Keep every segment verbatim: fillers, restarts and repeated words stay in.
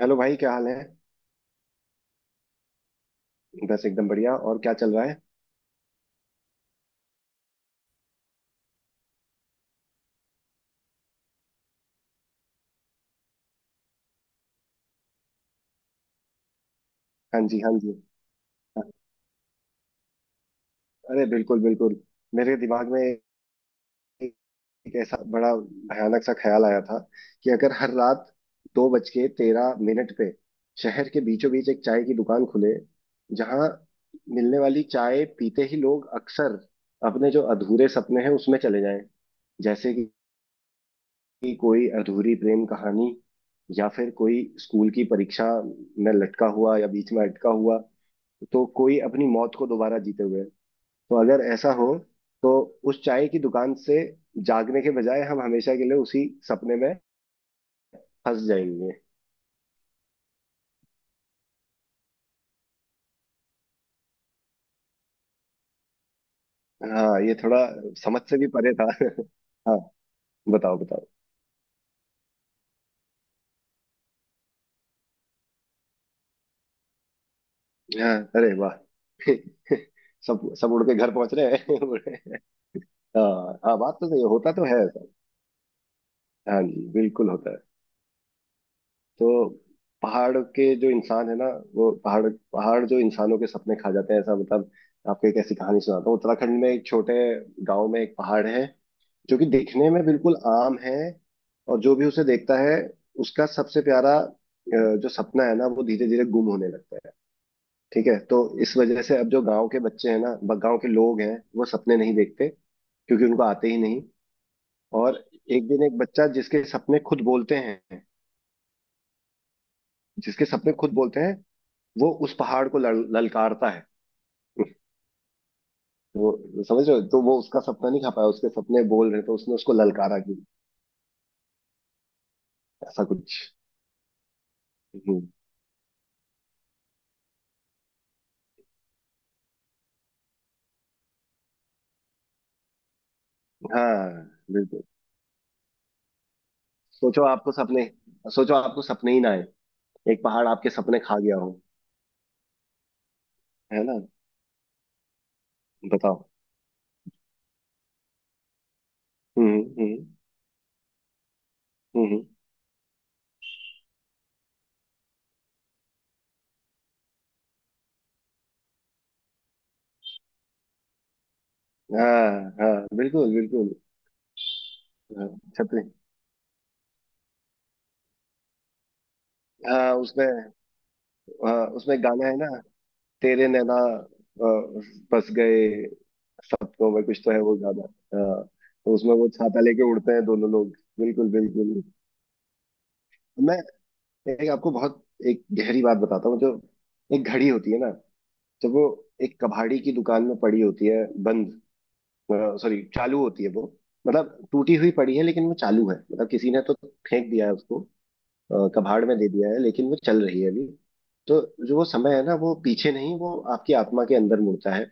Hello भाई, क्या हाल है। बस एकदम बढ़िया। और क्या चल रहा है। हाँ जी, हाँ जी, हाँ। अरे बिल्कुल बिल्कुल। मेरे दिमाग में एक एक ऐसा बड़ा भयानक सा ख्याल आया था कि अगर हर रात दो बज के तेरह मिनट पे शहर के बीचों बीच एक चाय की दुकान खुले, जहाँ मिलने वाली चाय पीते ही लोग अक्सर अपने जो अधूरे सपने हैं उसमें चले जाएं। जैसे कि कोई अधूरी प्रेम कहानी, या फिर कोई स्कूल की परीक्षा में लटका हुआ, या बीच में अटका हुआ, तो कोई अपनी मौत को दोबारा जीते हुए। तो अगर ऐसा हो, तो उस चाय की दुकान से जागने के बजाय हम हमेशा के लिए उसी सपने में फंस जाएंगे। हाँ, ये थोड़ा समझ से भी परे था। हाँ। बताओ बताओ। हाँ, अरे वाह। सब सब उड़ के घर पहुंच रहे हैं। हाँ हाँ, बात तो सही है, होता तो है ऐसा। हाँ जी, बिल्कुल होता है। तो पहाड़ के जो इंसान है ना, वो पहाड़ पहाड़ जो इंसानों के सपने खा जाते हैं, ऐसा मतलब। आपको एक ऐसी कहानी सुनाता हूँ। उत्तराखंड में एक छोटे गांव में एक पहाड़ है जो कि दिखने में बिल्कुल आम है, और जो भी उसे देखता है उसका सबसे प्यारा अ, जो सपना है ना वो धीरे धीरे गुम होने लगता है। ठीक है। तो इस वजह से अब जो गांव के बच्चे हैं ना, ब- गांव के लोग हैं, वो सपने नहीं देखते क्योंकि उनको आते ही नहीं। और एक दिन एक बच्चा, जिसके सपने खुद बोलते हैं। जिसके सपने खुद बोलते हैं वो उस पहाड़ को लल- ललकारता है। वो समझ रहे हो, तो वो उसका सपना नहीं खा पाया, उसके सपने बोल रहे थे, उसने उसको ललकारा कि ऐसा कुछ। हम्म, हाँ बिल्कुल। सोचो आपको सपने सोचो आपको सपने ही ना आए। एक पहाड़ आपके सपने खा गया हो। है ना। बताओ। हम्म हम्म हम्म हम्म। हाँ हाँ, बिल्कुल बिल्कुल। हाँ, छतरी। हाँ उसमें। हाँ, उसमें गाना है ना। तेरे नैना अ, बस गए। सबको में कुछ तो है वो गाना। हाँ, तो उसमें वो छाता लेके उड़ते हैं दोनों लोग। बिल्कुल बिल्कुल। तो मैं एक आपको बहुत एक गहरी बात बताता हूँ, जो एक घड़ी होती है ना, जब वो एक कबाड़ी की दुकान में पड़ी होती है बंद, सॉरी चालू होती है वो। मतलब टूटी हुई पड़ी है, लेकिन वो चालू है, मतलब किसी ने तो फेंक दिया है उसको, अ, कबाड़ में दे दिया है, लेकिन वो चल रही है अभी। तो जो वो समय है ना, वो पीछे नहीं, वो आपकी आत्मा के अंदर मुड़ता है।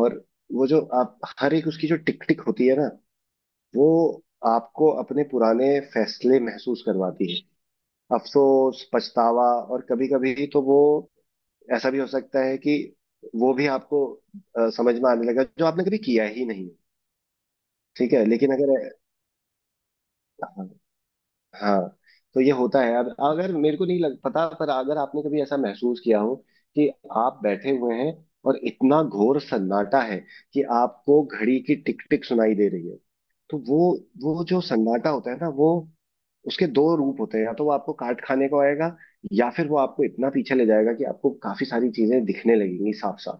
और वो जो आप हर एक उसकी जो टिक टिक होती है ना, वो आपको अपने पुराने फैसले महसूस करवाती है। अफसोस, पछतावा। और कभी कभी तो वो ऐसा भी हो सकता है कि वो भी आपको अ, समझ में आने लगा जो आपने कभी किया ही नहीं। ठीक है लेकिन अगर, हाँ हाँ, तो ये होता है। अब अगर मेरे को नहीं लग पता, पर अगर आपने कभी ऐसा महसूस किया हो कि आप बैठे हुए हैं और इतना घोर सन्नाटा है कि आपको घड़ी की टिक टिक सुनाई दे रही है, तो वो वो जो सन्नाटा होता है ना, वो उसके दो रूप होते हैं। या तो वो आपको काट खाने को आएगा, या फिर वो आपको इतना पीछे ले जाएगा कि आपको काफी सारी चीजें दिखने लगेंगी साफ साफ।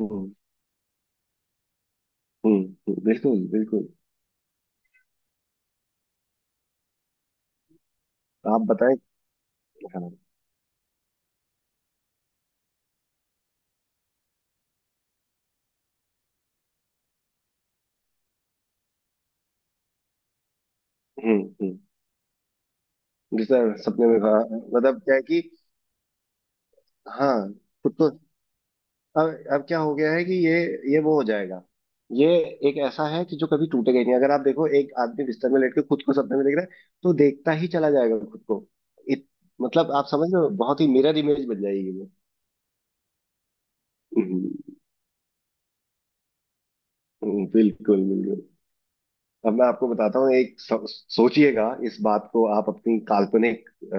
हम्म हम्म हम्म, बिल्कुल बिल्कुल। आप बताएं। हाँ, हम्म हम्म, जैसे सपने में कहा, मतलब क्या है कि, हाँ खुद को। अब अब क्या हो गया है कि ये ये वो हो जाएगा, ये एक ऐसा है कि जो कभी टूटेगा ही नहीं। अगर आप देखो एक आदमी बिस्तर में लेट के खुद को सपने में देख रहा है, तो देखता ही चला जाएगा खुद को। इत, मतलब आप समझ रहे हो, बहुत ही मिरर इमेज बन जाएगी वो। हम्म, हम्म, बिल्कुल बिल्कुल। अब मैं आपको बताता हूँ एक सो, सोचिएगा इस बात को, आप अपनी काल्पनिक अ,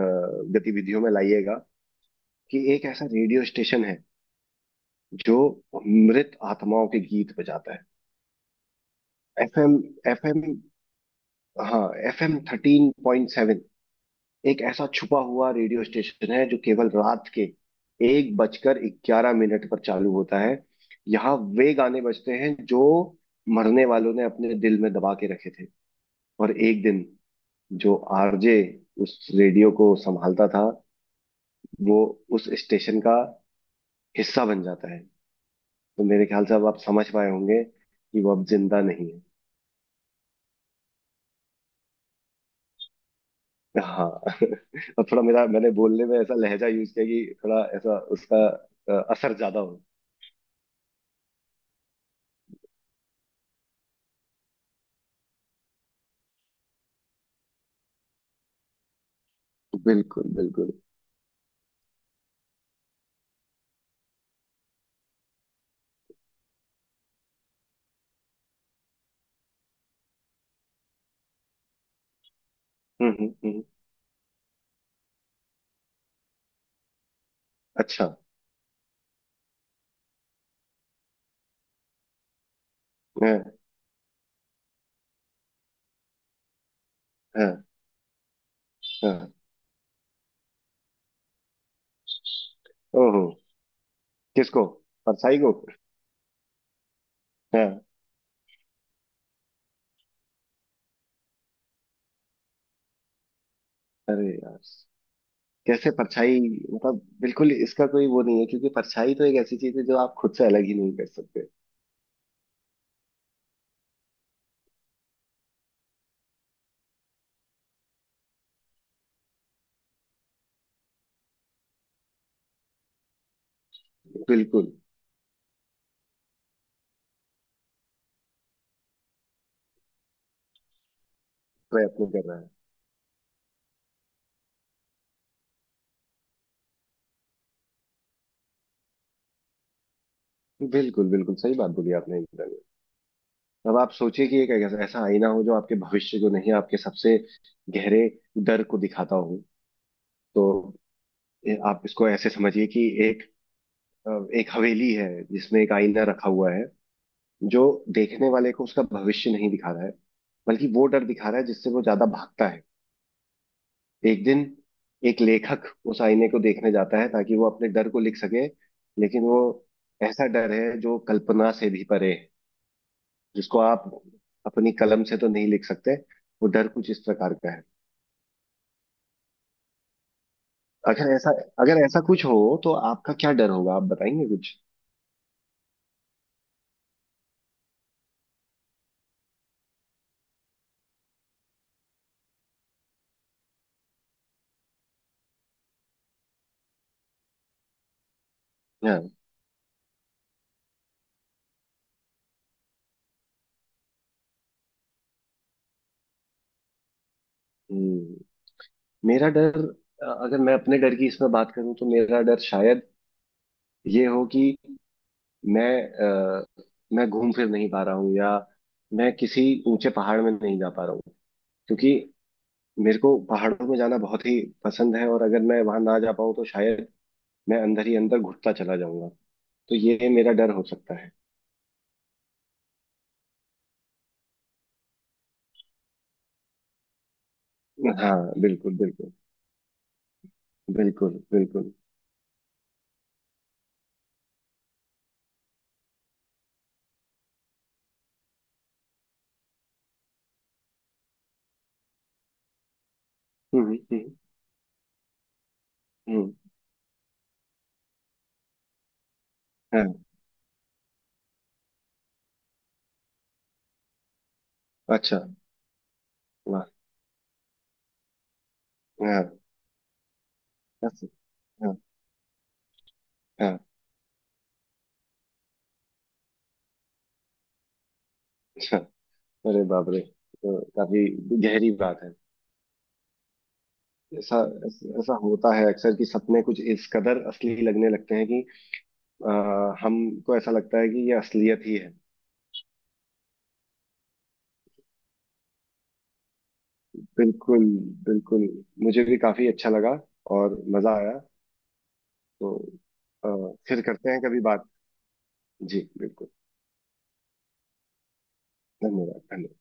गतिविधियों में लाइएगा, कि एक ऐसा रेडियो स्टेशन है जो मृत आत्माओं के गीत बजाता है। एफएम एफएम, हाँ, F M thirteen point seven, एक ऐसा छुपा हुआ रेडियो स्टेशन है जो केवल रात के एक बजकर ग्यारह मिनट पर चालू होता है। यहाँ वे गाने बजते हैं जो मरने वालों ने अपने दिल में दबा के रखे थे। और एक दिन जो आरजे उस रेडियो को संभालता था, वो उस स्टेशन का हिस्सा बन जाता है। तो मेरे ख्याल से अब आप समझ पाए होंगे कि वो अब जिंदा नहीं है। हाँ। और थोड़ा मेरा मैंने बोलने में ऐसा लहजा यूज किया कि थोड़ा ऐसा उसका अ, असर ज्यादा हो। बिल्कुल बिल्कुल। हम्म हम्म हम्म। अच्छा। है। है। है। ओहो। किसको। परछाई को। है। अरे यार। कैसे परछाई, मतलब बिल्कुल इसका कोई वो नहीं है, क्योंकि परछाई तो एक ऐसी चीज है जो आप खुद से अलग ही नहीं कर सकते। बिल्कुल। प्रयत्न कर रहा है। बिल्कुल बिल्कुल, सही बात बोली आपने एकदम। अब आप सोचिए कि एक ऐसा आईना हो जो आपके भविष्य को नहीं, आपके सबसे गहरे डर को दिखाता हो। तो ये- आप इसको ऐसे समझिए कि एक अ, एक हवेली है जिसमें एक आईना रखा हुआ है, जो देखने वाले को उसका भविष्य नहीं दिखा रहा है, बल्कि वो डर दिखा रहा है जिससे वो ज्यादा भागता है। एक दिन एक लेखक उस आईने को देखने जाता है ताकि वो अपने डर को लिख सके, लेकिन वो ऐसा डर है जो कल्पना से भी परे है, जिसको आप अपनी कलम से तो नहीं लिख सकते। वो डर कुछ इस प्रकार का है। अगर ऐसा अगर ऐसा कुछ हो, तो आपका क्या डर होगा। आप बताएंगे कुछ। हाँ। हम्म, मेरा डर, अ, अगर मैं अपने डर की इसमें बात करूं, तो मेरा डर शायद ये हो कि मैं, अ, मैं घूम फिर नहीं पा रहा हूँ, या मैं किसी ऊंचे पहाड़ में नहीं जा पा रहा हूँ, क्योंकि मेरे को पहाड़ों में जाना बहुत ही पसंद है, और अगर मैं वहां ना जा पाऊँ तो शायद मैं अंदर ही अंदर घुटता चला जाऊंगा। तो ये मेरा डर हो सकता है। हाँ बिल्कुल बिल्कुल। बिल्कुल बिल्कुल। हम्म हम्म हम्म। हाँ। अच्छा। वाह। हाँ। बस, हाँ। हाँ। अच्छा। अरे बाप रे, तो काफी गहरी बात है। ऐसा ऐसा होता है अक्सर कि सपने कुछ इस कदर असली लगने लगते हैं कि आ, हमको ऐसा लगता है कि ये असलियत ही है। बिल्कुल बिल्कुल। मुझे भी काफी अच्छा लगा और मजा आया। तो आ, फिर करते हैं कभी बात। जी बिल्कुल। धन्यवाद धन्यवाद।